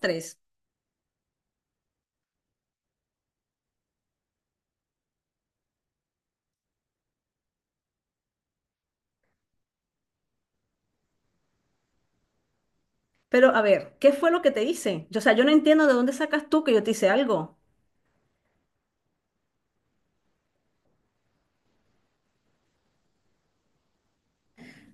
Tres. Pero a ver, ¿qué fue lo que te hice? Yo, o sea, yo no entiendo de dónde sacas tú que yo te hice algo.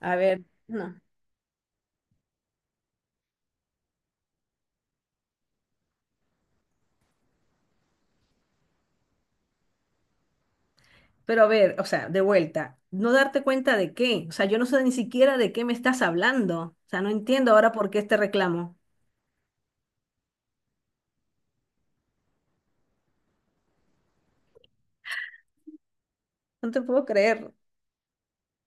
A ver, no. Pero a ver, o sea, de vuelta, no darte cuenta de qué. O sea, yo no sé ni siquiera de qué me estás hablando. O sea, no entiendo ahora por qué este reclamo. No te puedo creer.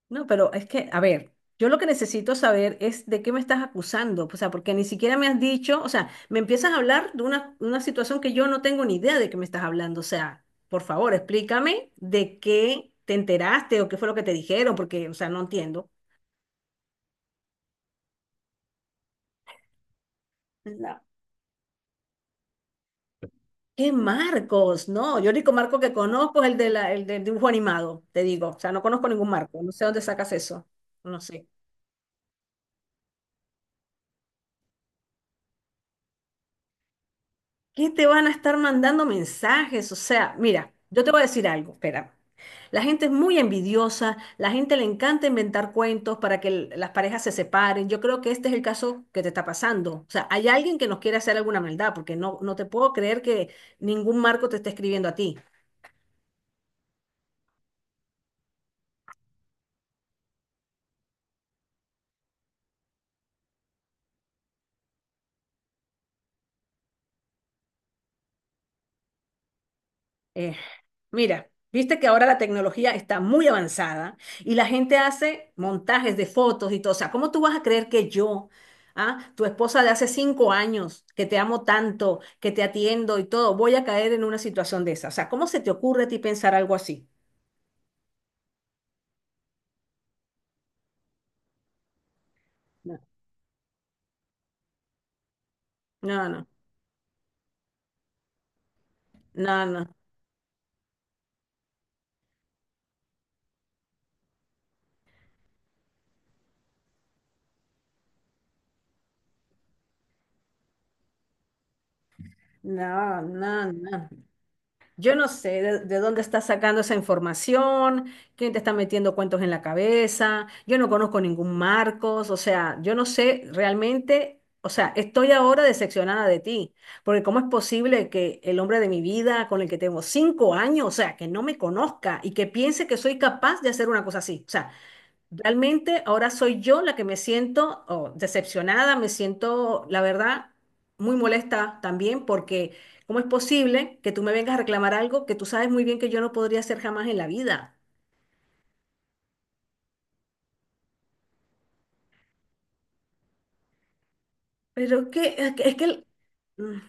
No, pero es que, a ver, yo lo que necesito saber es de qué me estás acusando, o sea, porque ni siquiera me has dicho, o sea, me empiezas a hablar de una situación que yo no tengo ni idea de qué me estás hablando, o sea, por favor, explícame de qué te enteraste o qué fue lo que te dijeron, porque, o sea, no entiendo. No. ¿Qué Marcos? No, yo el único Marco que conozco es el de la, el del dibujo animado, te digo, o sea, no conozco ningún Marco, no sé dónde sacas eso, no sé. ¿Qué te van a estar mandando mensajes? O sea, mira, yo te voy a decir algo, espera. La gente es muy envidiosa, la gente le encanta inventar cuentos para que l- las parejas se separen. Yo creo que este es el caso que te está pasando. O sea, hay alguien que nos quiere hacer alguna maldad, porque no, no te puedo creer que ningún marco te esté escribiendo a ti. Eh, Mira, viste que ahora la tecnología está muy avanzada y la gente hace montajes de fotos y todo. O sea, ¿cómo tú vas a creer que yo, ah, tu esposa de hace 5 años, que te amo tanto, que te atiendo y todo, voy a caer en una situación de esa? O sea, ¿cómo se te ocurre a ti pensar algo así? No, no, no, no, no, no, no. No. Yo no sé de dónde está sacando esa información, quién te está metiendo cuentos en la cabeza, yo no conozco ningún Marcos, o sea, yo no sé realmente, o sea, estoy ahora decepcionada de ti, porque ¿cómo es posible que el hombre de mi vida, con el que tengo 5 años, o sea, que no me conozca y que piense que soy capaz de hacer una cosa así? O sea, realmente ahora soy yo la que me siento oh, decepcionada, me siento, la verdad, muy molesta también porque ¿cómo es posible que tú me vengas a reclamar algo que tú sabes muy bien que yo no podría hacer jamás en la vida? Pero es que el- Mm,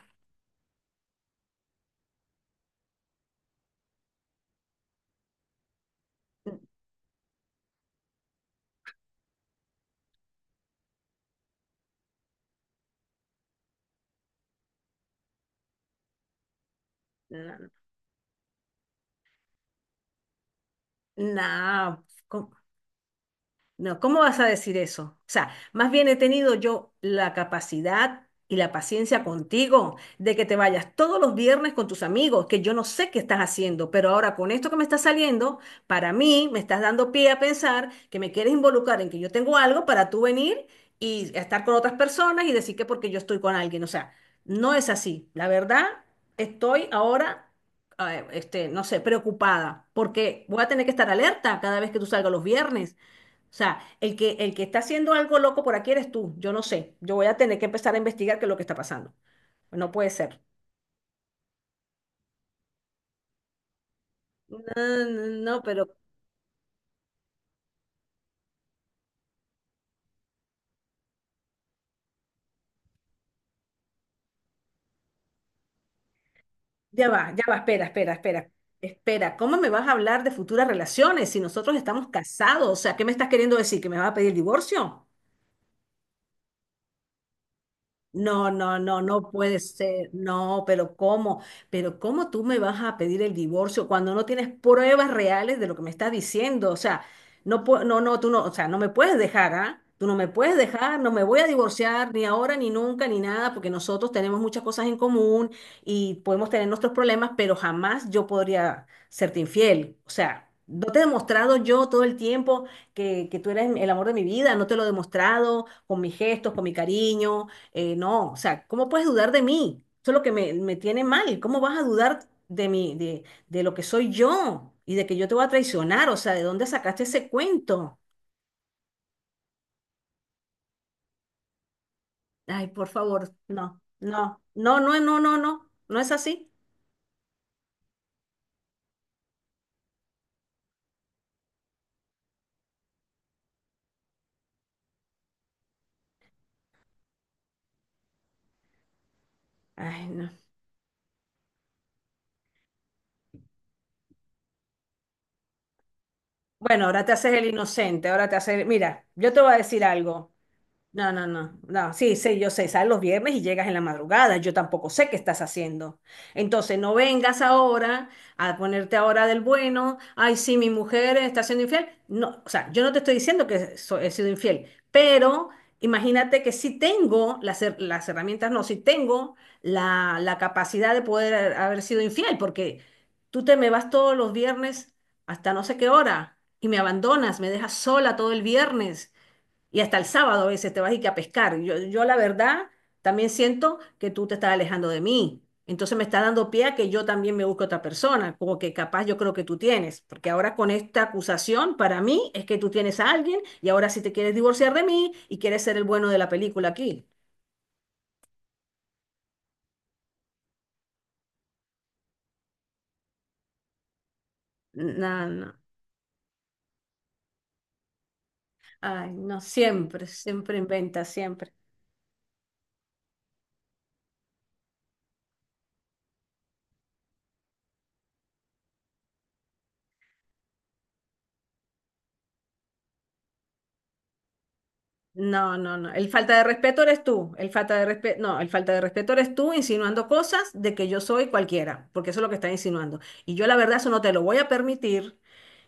no, no, no, no, no. No, ¿cómo vas a decir eso? O sea, más bien he tenido yo la capacidad y la paciencia contigo de que te vayas todos los viernes con tus amigos, que yo no sé qué estás haciendo, pero ahora con esto que me está saliendo, para mí me estás dando pie a pensar que me quieres involucrar en que yo tengo algo para tú venir y estar con otras personas y decir que porque yo estoy con alguien. O sea, no es así. La verdad, estoy ahora, no sé, preocupada porque voy a tener que estar alerta cada vez que tú salgas los viernes, o sea, el que está haciendo algo loco por aquí eres tú. Yo no sé. Yo voy a tener que empezar a investigar qué es lo que está pasando. No puede ser. No, no, no, pero ya va, ya va, espera, espera, espera. Espera, ¿cómo me vas a hablar de futuras relaciones si nosotros estamos casados? O sea, ¿qué me estás queriendo decir? ¿Que me vas a pedir divorcio? No, no, no, no puede ser. No, pero ¿cómo? Pero ¿cómo tú me vas a pedir el divorcio cuando no tienes pruebas reales de lo que me estás diciendo? O sea, no, pue- no, no, tú no, o sea, no me puedes dejar, ¿ah? Tú no me puedes dejar, no me voy a divorciar ni ahora ni nunca ni nada, porque nosotros tenemos muchas cosas en común y podemos tener nuestros problemas, pero jamás yo podría serte infiel. O sea, no te he demostrado yo todo el tiempo que tú eres el amor de mi vida, no te lo he demostrado con mis gestos, con mi cariño no, o sea, ¿cómo puedes dudar de mí? Eso es lo que me tiene mal. ¿Cómo vas a dudar de mí, de lo que soy yo y de que yo te voy a traicionar? O sea, ¿de dónde sacaste ese cuento? Ay, por favor, no, no, no, no, no, no, no, no es así. Ay, no. Bueno, ahora te haces el inocente, ahora te haces, mira, yo te voy a decir algo. No, no, no, no, sí, sí, yo sé, sales los viernes y llegas en la madrugada, yo tampoco sé qué estás haciendo. Entonces, no vengas ahora a ponerte ahora del bueno, ay, sí, mi mujer está siendo infiel. No, o sea, yo no te estoy diciendo que so- he sido infiel, pero imagínate que si tengo las, her- las herramientas, no, si tengo la capacidad de poder haber sido infiel, porque tú te me vas todos los viernes hasta no sé qué hora y me abandonas, me dejas sola todo el viernes. Y hasta el sábado a veces te vas y que a pescar. Yo la verdad también siento que tú te estás alejando de mí. Entonces me está dando pie a que yo también me busque otra persona, como que capaz yo creo que tú tienes, porque ahora con esta acusación para mí es que tú tienes a alguien y ahora sí te quieres divorciar de mí y quieres ser el bueno de la película aquí. No, no. Ay, no, siempre, siempre inventa, siempre. No, no, no. El falta de respeto eres tú. El falta de respeto, no, el falta de respeto eres tú insinuando cosas de que yo soy cualquiera, porque eso es lo que está insinuando. Y yo la verdad eso no te lo voy a permitir,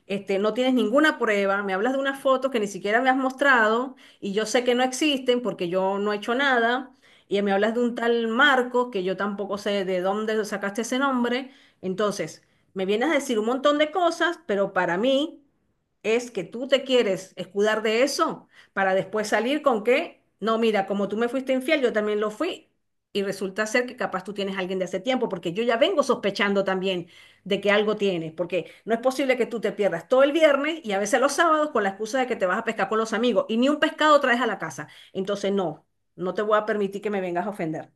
este, no tienes ninguna prueba, me hablas de unas fotos que ni siquiera me has mostrado y yo sé que no existen porque yo no he hecho nada, y me hablas de un tal Marco que yo tampoco sé de dónde sacaste ese nombre, entonces me vienes a decir un montón de cosas, pero para mí es que tú te quieres escudar de eso para después salir con que, no, mira, como tú me fuiste infiel, yo también lo fui. Y resulta ser que capaz tú tienes a alguien de hace tiempo, porque yo ya vengo sospechando también de que algo tienes, porque no es posible que tú te pierdas todo el viernes y a veces los sábados con la excusa de que te vas a pescar con los amigos y ni un pescado traes a la casa. Entonces, no, no te voy a permitir que me vengas a ofender.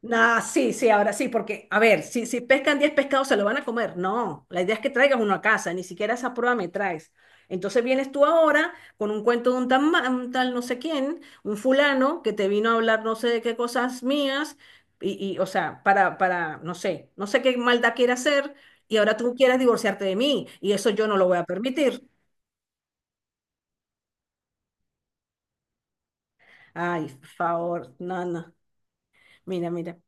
Nah, sí, sí, ahora sí, porque, a ver, si pescan 10 pescados, se lo van a comer. No, la idea es que traigas uno a casa, ni siquiera esa prueba me traes. Entonces vienes tú ahora con un cuento de un, tan ma- un tal no sé quién, un fulano que te vino a hablar no sé de qué cosas mías, o sea, no sé, no sé qué maldad quiere hacer, y ahora tú quieres divorciarte de mí, y eso yo no lo voy a permitir. Ay, por favor, no, no, mira, mira. O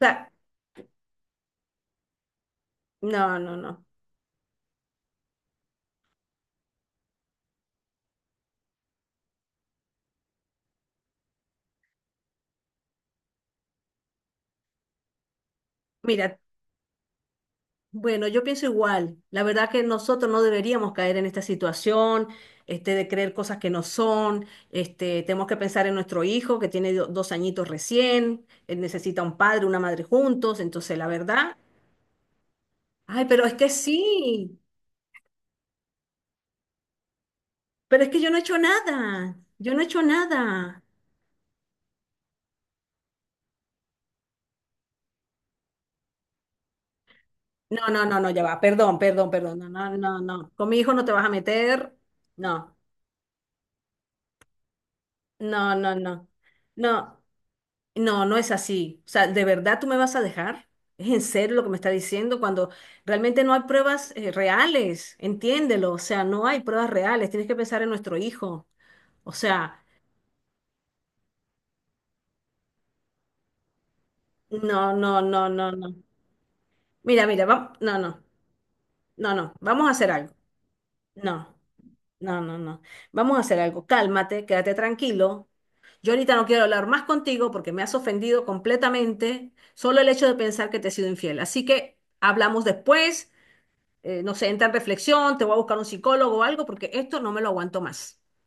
sea, no, no, no. Mira, bueno, yo pienso igual. La verdad que nosotros no deberíamos caer en esta situación, este, de creer cosas que no son. Este, tenemos que pensar en nuestro hijo que tiene do- 2 añitos recién, él necesita un padre, una madre juntos. Entonces, la verdad, ay, pero es que sí, pero es que yo no he hecho nada, yo no he hecho nada. No, no, no, no, ya va. Perdón, perdón, perdón. No, no, no, no. Con mi hijo no te vas a meter. No, no, no, no. No. No, no es así. O sea, ¿de verdad tú me vas a dejar? ¿Es en serio lo que me está diciendo cuando realmente no hay pruebas reales? Entiéndelo. O sea, no hay pruebas reales. Tienes que pensar en nuestro hijo. O sea, no, no, no, no, no. Mira, mira, va- no, no, no, no. Vamos a hacer algo. No, no, no, no. Vamos a hacer algo. Cálmate, quédate tranquilo. Yo ahorita no quiero hablar más contigo porque me has ofendido completamente solo el hecho de pensar que te he sido infiel. Así que hablamos después. No sé, entra en reflexión, te voy a buscar un psicólogo o algo, porque esto no me lo aguanto más.